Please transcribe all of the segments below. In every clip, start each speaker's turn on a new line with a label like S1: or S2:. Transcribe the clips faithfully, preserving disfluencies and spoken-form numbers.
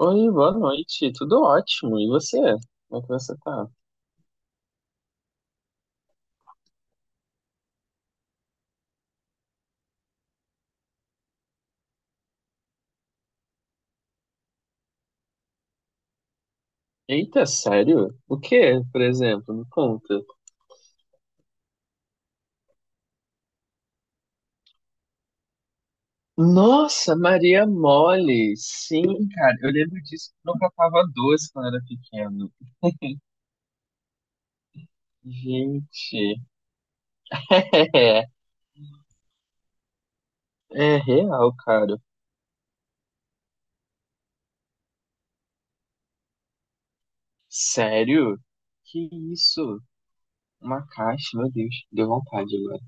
S1: Oi, boa noite. Tudo ótimo. E você? Como é que você tá? Eita, sério? O que por exemplo? Me conta. Nossa, Maria Mole! Sim, cara, eu lembro disso que eu catava doce quando era pequeno. Gente, é, é real, cara. Sério? Que isso? Uma caixa, meu Deus, deu vontade agora.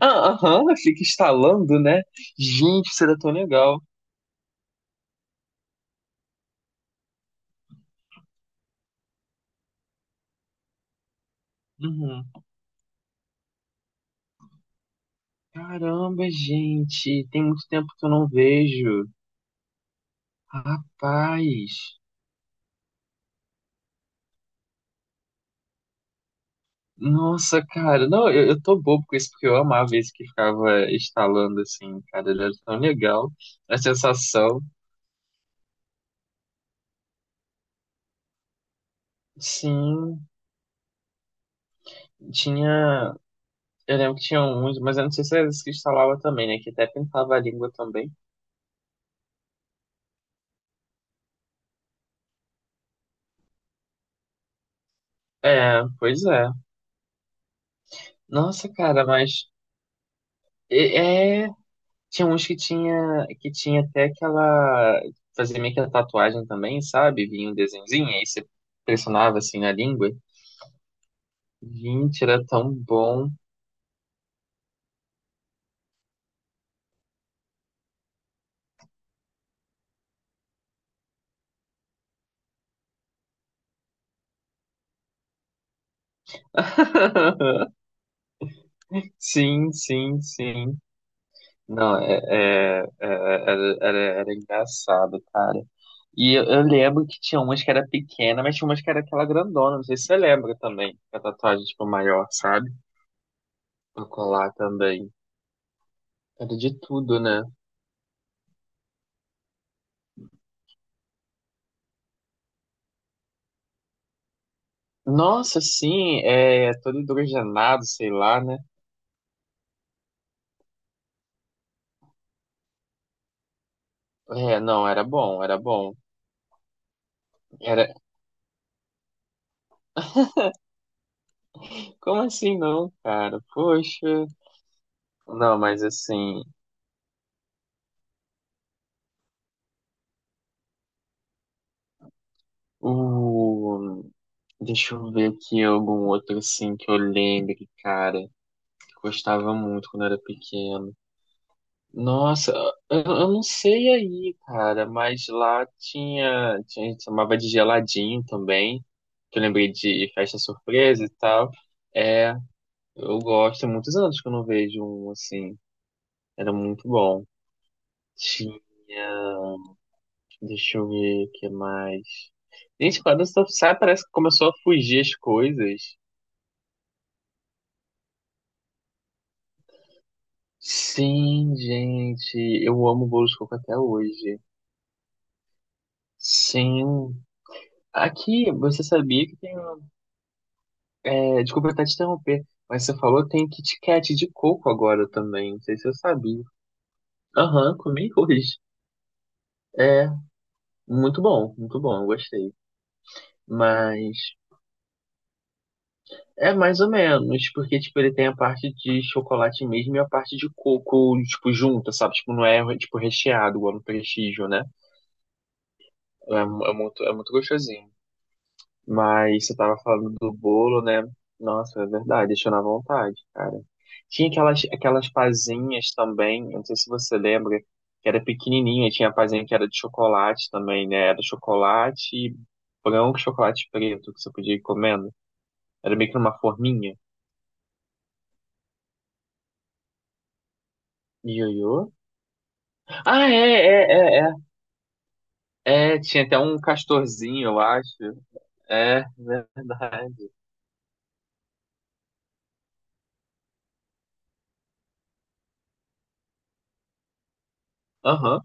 S1: Ah, aham, fica instalando, né? Gente, isso era tão legal. Uhum. Caramba, gente, tem muito tempo que eu não vejo. Rapaz, nossa, cara, não, eu, eu tô bobo com isso, porque eu amava esse que ficava instalando assim, cara, ele era tão legal. A sensação, sim, tinha, eu lembro que tinha uns, mas eu não sei se era esse que instalava também, né, que até pintava a língua também. É, pois é. Nossa, cara, mas é, é Tinha uns que tinha, que tinha até aquela. Fazia meio que a tatuagem também, sabe? Vinha um desenhozinho, aí você pressionava assim na língua. Gente, era tão bom. Sim, sim, sim. Não, é, é, é, era, era, era engraçado, cara. E eu, eu lembro que tinha umas que era pequena, mas tinha umas que era aquela grandona. Não sei se você lembra também. A tatuagem, tipo, maior, sabe? Pra colar também. Era de tudo, né? Nossa, sim, é todo hidrogenado, sei lá, né? É, não, era bom, era bom. Era... Como assim não, cara? Poxa. Não, mas assim, o... Deixa eu ver aqui algum outro assim que eu lembre, cara, que eu gostava muito quando era pequeno. Nossa, eu, eu não sei aí, cara, mas lá tinha, tinha, a gente chamava de geladinho também, que eu lembrei de festa surpresa e tal. É, eu gosto, há muitos anos que eu não vejo um assim. Era muito bom. Tinha. Deixa eu ver o que mais. Gente, quando só sai, parece que começou a fugir as coisas. Sim, gente. Eu amo bolo de coco até hoje. Sim. Aqui, você sabia que tem. É, desculpa até te interromper, mas você falou que tem Kit Kat de coco agora também. Não sei se eu sabia. Aham, comi hoje. É, muito bom, muito bom, eu gostei. Mas é mais ou menos, porque tipo, ele tem a parte de chocolate mesmo e a parte de coco, tipo, junta, sabe? Tipo, não é tipo recheado, igual no Prestígio, né? É, mu- é muito, é muito gostosinho. Mas você tava falando do bolo, né? Nossa, é verdade, deixou na vontade, cara. Tinha aquelas, aquelas pazinhas também, eu não sei se você lembra, que era pequenininha, tinha a pazinha que era de chocolate também, né? Era chocolate branco, e chocolate preto, que você podia ir comendo. Era meio que numa forminha. Ioiô? Ah, é, é, é, é. É, tinha até um castorzinho, eu acho. É, verdade. Aham,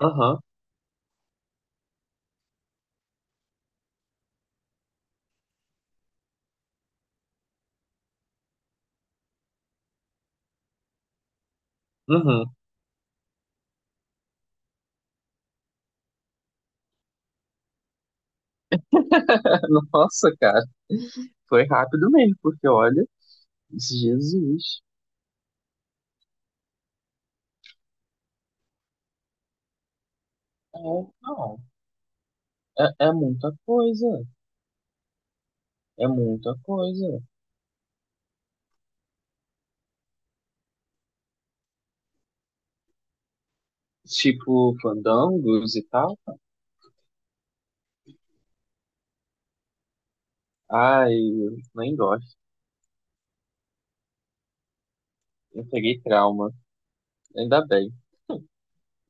S1: aham, uhum. Nossa, cara, foi rápido mesmo, porque olha, Jesus. É, não, é, é muita coisa, é muita coisa. Tipo, fandangos e tal. Ai, eu nem gosto. Eu peguei trauma, ainda bem.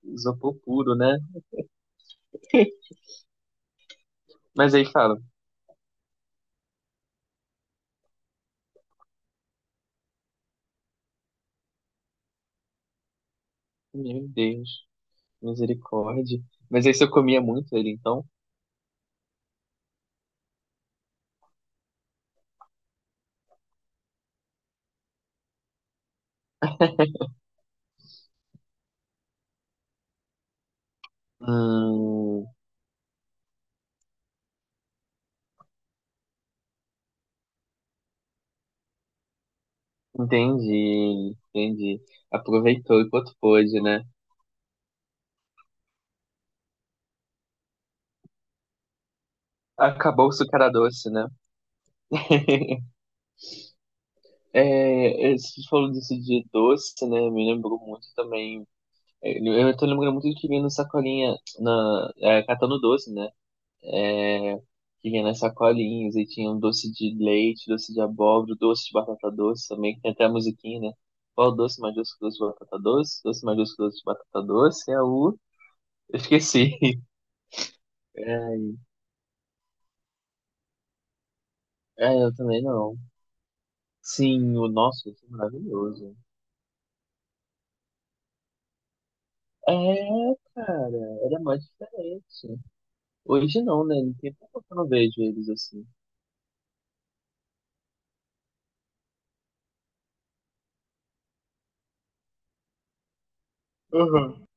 S1: Isopor puro, né? Mas aí fala, meu Deus, misericórdia. Mas aí se eu comia muito ele, então. Hum, entendi, entendi. Aproveitou enquanto pôde, né? Acabou o açúcar doce, né? É, você falou disso de doce, né? Me lembrou muito também. É, eu tô lembrando muito de que vinha na sacolinha, na, é, catando doce, né? É, que vinha nas sacolinhas e tinha um doce de leite, doce de abóbora, doce de batata doce também, que tem até a musiquinha, né? Qual doce mais doce que doce de batata doce? Doce mais doce que doce de batata doce é o. Eu esqueci. É, eu também não. Sim, o nosso, isso é maravilhoso. É, cara, era mais diferente. Hoje não, né? Não tem tempo que eu não vejo eles assim. Uhum.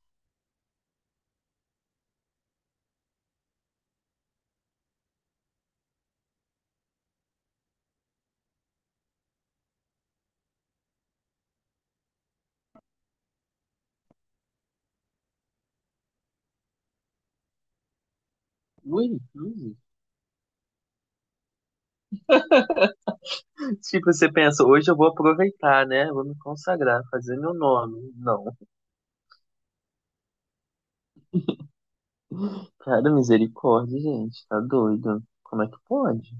S1: Ui, inclusive. Tipo, você pensa, hoje eu vou aproveitar, né? Vou me consagrar, fazer meu nome. Não. Cara, misericórdia, gente, tá doido. Como é que pode?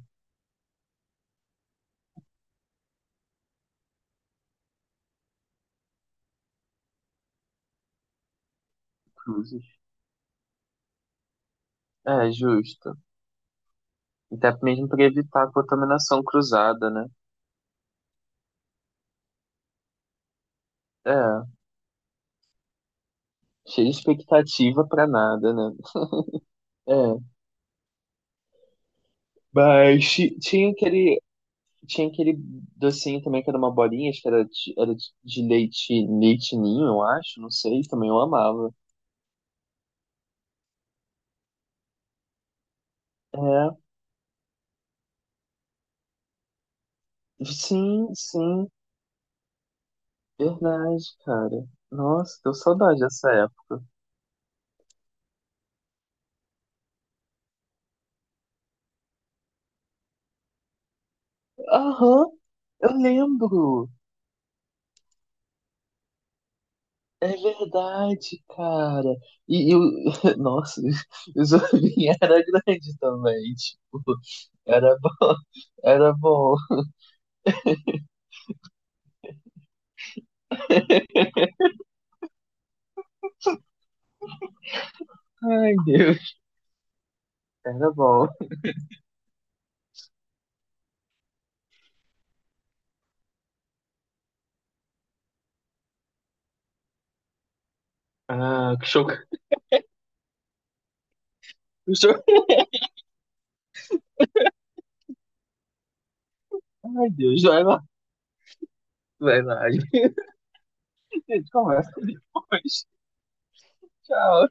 S1: Cruzes. É, justo. Até mesmo pra evitar a contaminação cruzada, né? É, cheia de expectativa pra nada, né? É. Mas ti- tinha aquele, tinha aquele docinho também que era uma bolinha, acho que era de, era de leite, leite ninho, eu acho, não sei, também eu amava. É, sim, sim, verdade, cara. Nossa, deu saudade dessa época. Aham, eu lembro. É verdade, cara. E, e o... Nossa, o Zorrinho era grande também, tipo, era bom, era bom. Ai, Deus, era bom. Ah, que choque Ai, Deus, vai lá. Verdade. A gente conversa hoje. Tchau.